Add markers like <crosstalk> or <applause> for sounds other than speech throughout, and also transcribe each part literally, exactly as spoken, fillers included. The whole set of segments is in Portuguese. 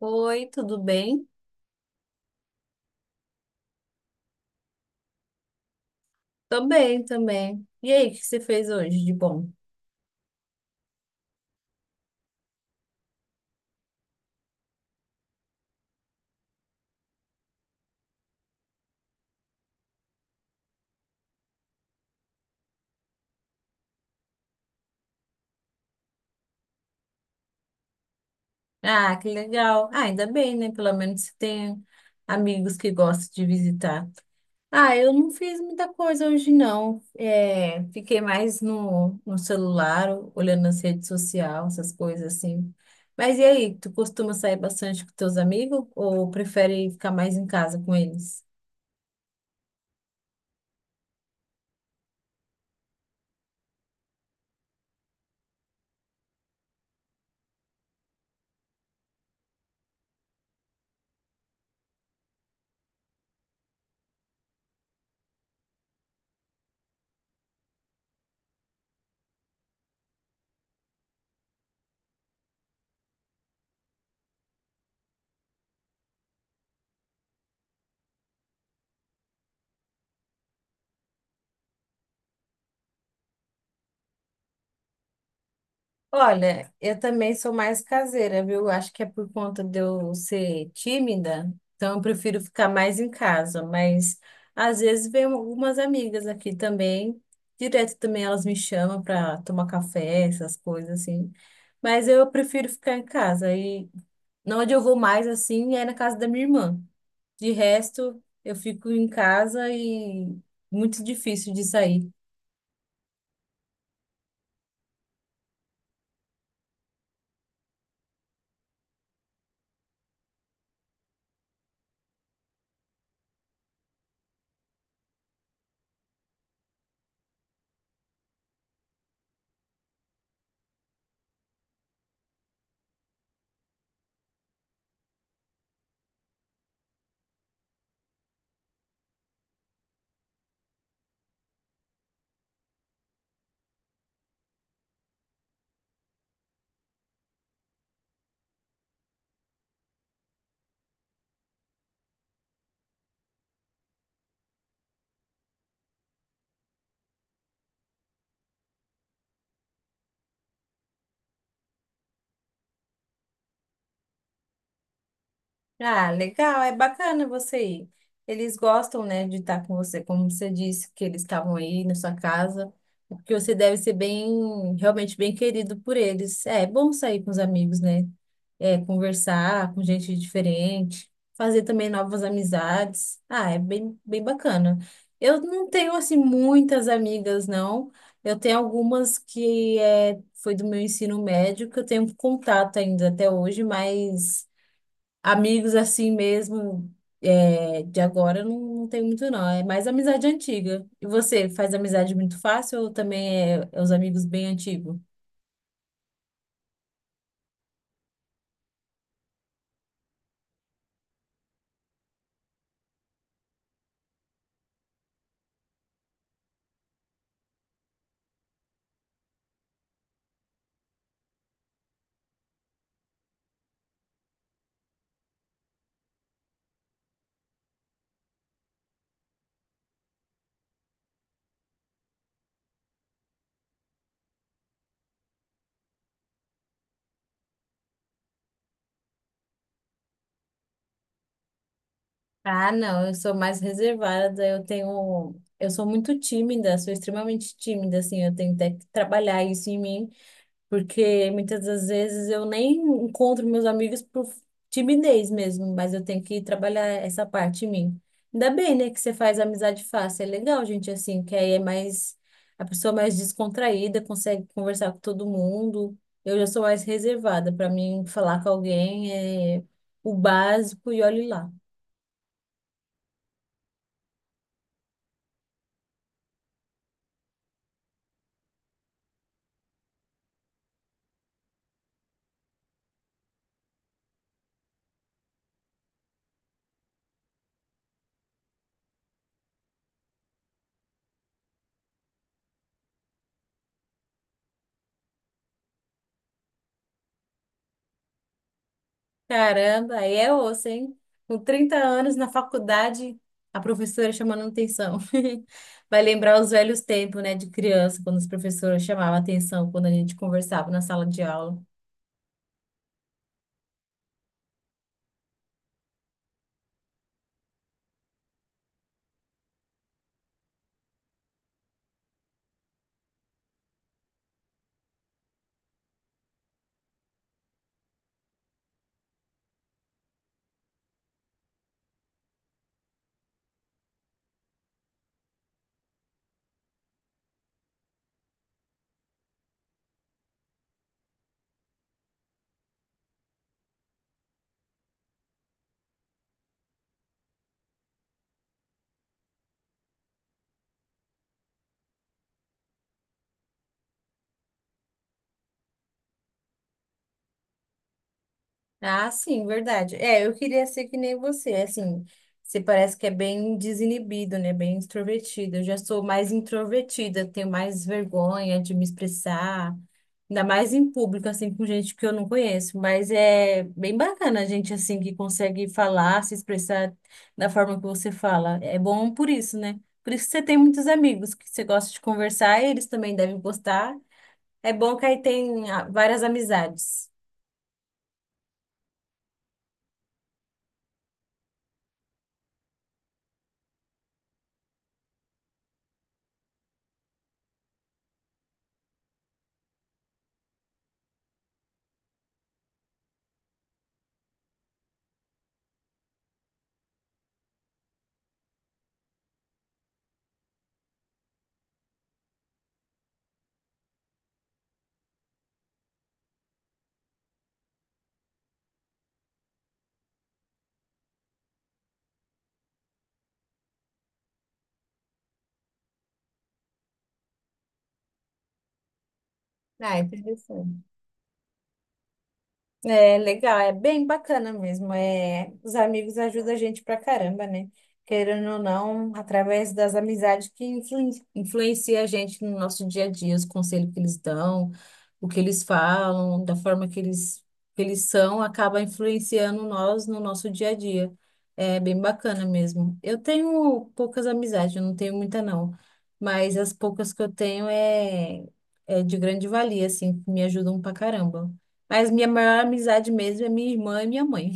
Oi, tudo bem? Tô bem também. E aí, o que você fez hoje de bom? Ah, que legal. Ah, ainda bem, né? Pelo menos você tem amigos que gostam de visitar. Ah, eu não fiz muita coisa hoje, não. É, fiquei mais no, no celular, olhando as redes sociais, essas coisas assim. Mas e aí, tu costuma sair bastante com teus amigos ou prefere ficar mais em casa com eles? Olha, eu também sou mais caseira, viu? Acho que é por conta de eu ser tímida, então eu prefiro ficar mais em casa. Mas às vezes vem algumas amigas aqui também, direto também elas me chamam para tomar café, essas coisas assim. Mas eu prefiro ficar em casa. E onde eu vou mais assim é na casa da minha irmã. De resto, eu fico em casa e muito difícil de sair. Ah, legal, é bacana você ir. Eles gostam, né, de estar com você, como você disse, que eles estavam aí na sua casa, porque você deve ser bem, realmente bem querido por eles. É, é bom sair com os amigos, né? É, conversar com gente diferente, fazer também novas amizades. Ah, é bem, bem bacana. Eu não tenho, assim, muitas amigas, não. Eu tenho algumas que é, foi do meu ensino médio, que eu tenho contato ainda até hoje, mas. Amigos assim mesmo, é, de agora, eu não, não tenho muito, não. É mais amizade antiga. E você, faz amizade muito fácil ou também é, é os amigos bem antigos? Ah, não, eu sou mais reservada, eu tenho, eu sou muito tímida, sou extremamente tímida, assim, eu tenho até que trabalhar isso em mim. Porque muitas das vezes eu nem encontro meus amigos por timidez mesmo, mas eu tenho que trabalhar essa parte em mim. Ainda bem, né, que você faz amizade fácil. É legal, gente, assim, que aí é mais, a pessoa é mais descontraída, consegue conversar com todo mundo. Eu já sou mais reservada. Para mim, falar com alguém é o básico e olhe lá. Caramba, aí é osso, hein? Com trinta anos na faculdade, a professora chamando atenção. <laughs> Vai lembrar os velhos tempos, né, de criança, quando os professores chamavam atenção quando a gente conversava na sala de aula. Ah, sim, verdade. É, eu queria ser que nem você, assim, você parece que é bem desinibido, né, bem extrovertido. Eu já sou mais introvertida, tenho mais vergonha de me expressar. Ainda mais em público, assim, com gente que eu não conheço. Mas é bem bacana a gente, assim, que consegue falar, se expressar da forma que você fala. É bom por isso, né? Por isso que você tem muitos amigos que você gosta de conversar e eles também devem gostar. É bom que aí tem ah, várias amizades. Ah, interessante. É legal, é bem bacana mesmo. É, os amigos ajudam a gente pra caramba, né? Querendo ou não, através das amizades que influen influencia a gente no nosso dia a dia, os conselhos que eles dão, o que eles falam, da forma que eles, que eles são, acaba influenciando nós no nosso dia a dia. É bem bacana mesmo. Eu tenho poucas amizades, eu não tenho muita não, mas as poucas que eu tenho é, é de grande valia, assim, me ajudam pra caramba. Mas minha maior amizade mesmo é minha irmã e minha mãe.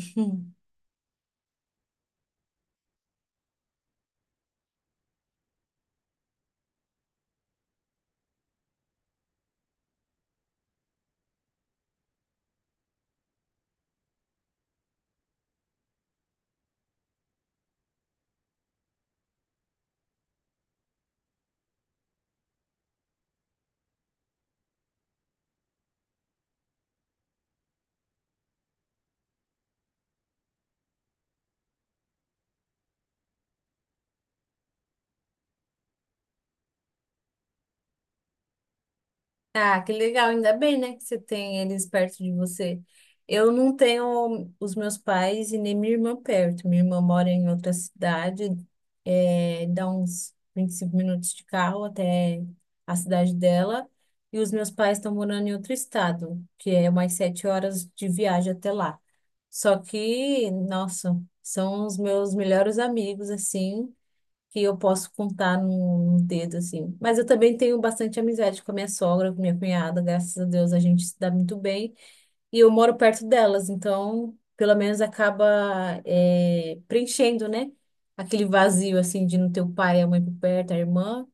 Ah, que legal, ainda bem, né, que você tem eles perto de você. Eu não tenho os meus pais e nem minha irmã perto. Minha irmã mora em outra cidade, é, dá uns vinte e cinco minutos de carro até a cidade dela. E os meus pais estão morando em outro estado, que é umas sete horas de viagem até lá. Só que, nossa, são os meus melhores amigos, assim. Que eu posso contar num dedo, assim. Mas eu também tenho bastante amizade com a minha sogra, com minha cunhada, graças a Deus a gente se dá muito bem. E eu moro perto delas, então pelo menos acaba é, preenchendo, né? Aquele vazio, assim, de não ter o pai, a mãe por perto, a irmã.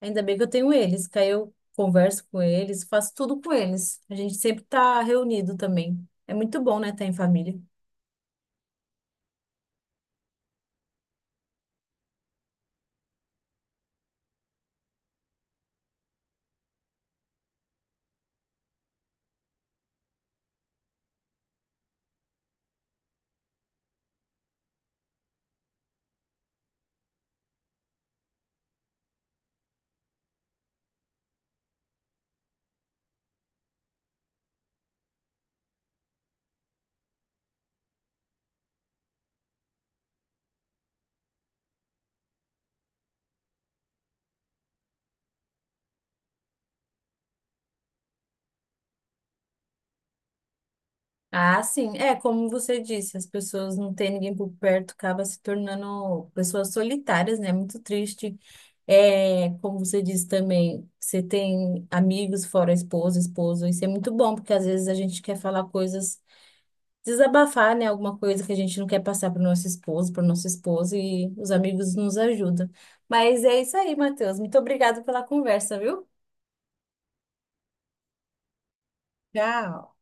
Ainda bem que eu tenho eles, que aí eu converso com eles, faço tudo com eles. A gente sempre tá reunido também. É muito bom, né, estar em família. Ah, sim. É, como você disse, as pessoas não têm ninguém por perto, acaba se tornando pessoas solitárias, né? Muito triste. É, como você disse também, você tem amigos fora a esposa, esposo, isso é muito bom, porque às vezes a gente quer falar coisas, desabafar, né? Alguma coisa que a gente não quer passar para o nosso esposo, para nossa esposa, e os amigos nos ajudam. Mas é isso aí, Matheus. Muito obrigada pela conversa, viu? Tchau.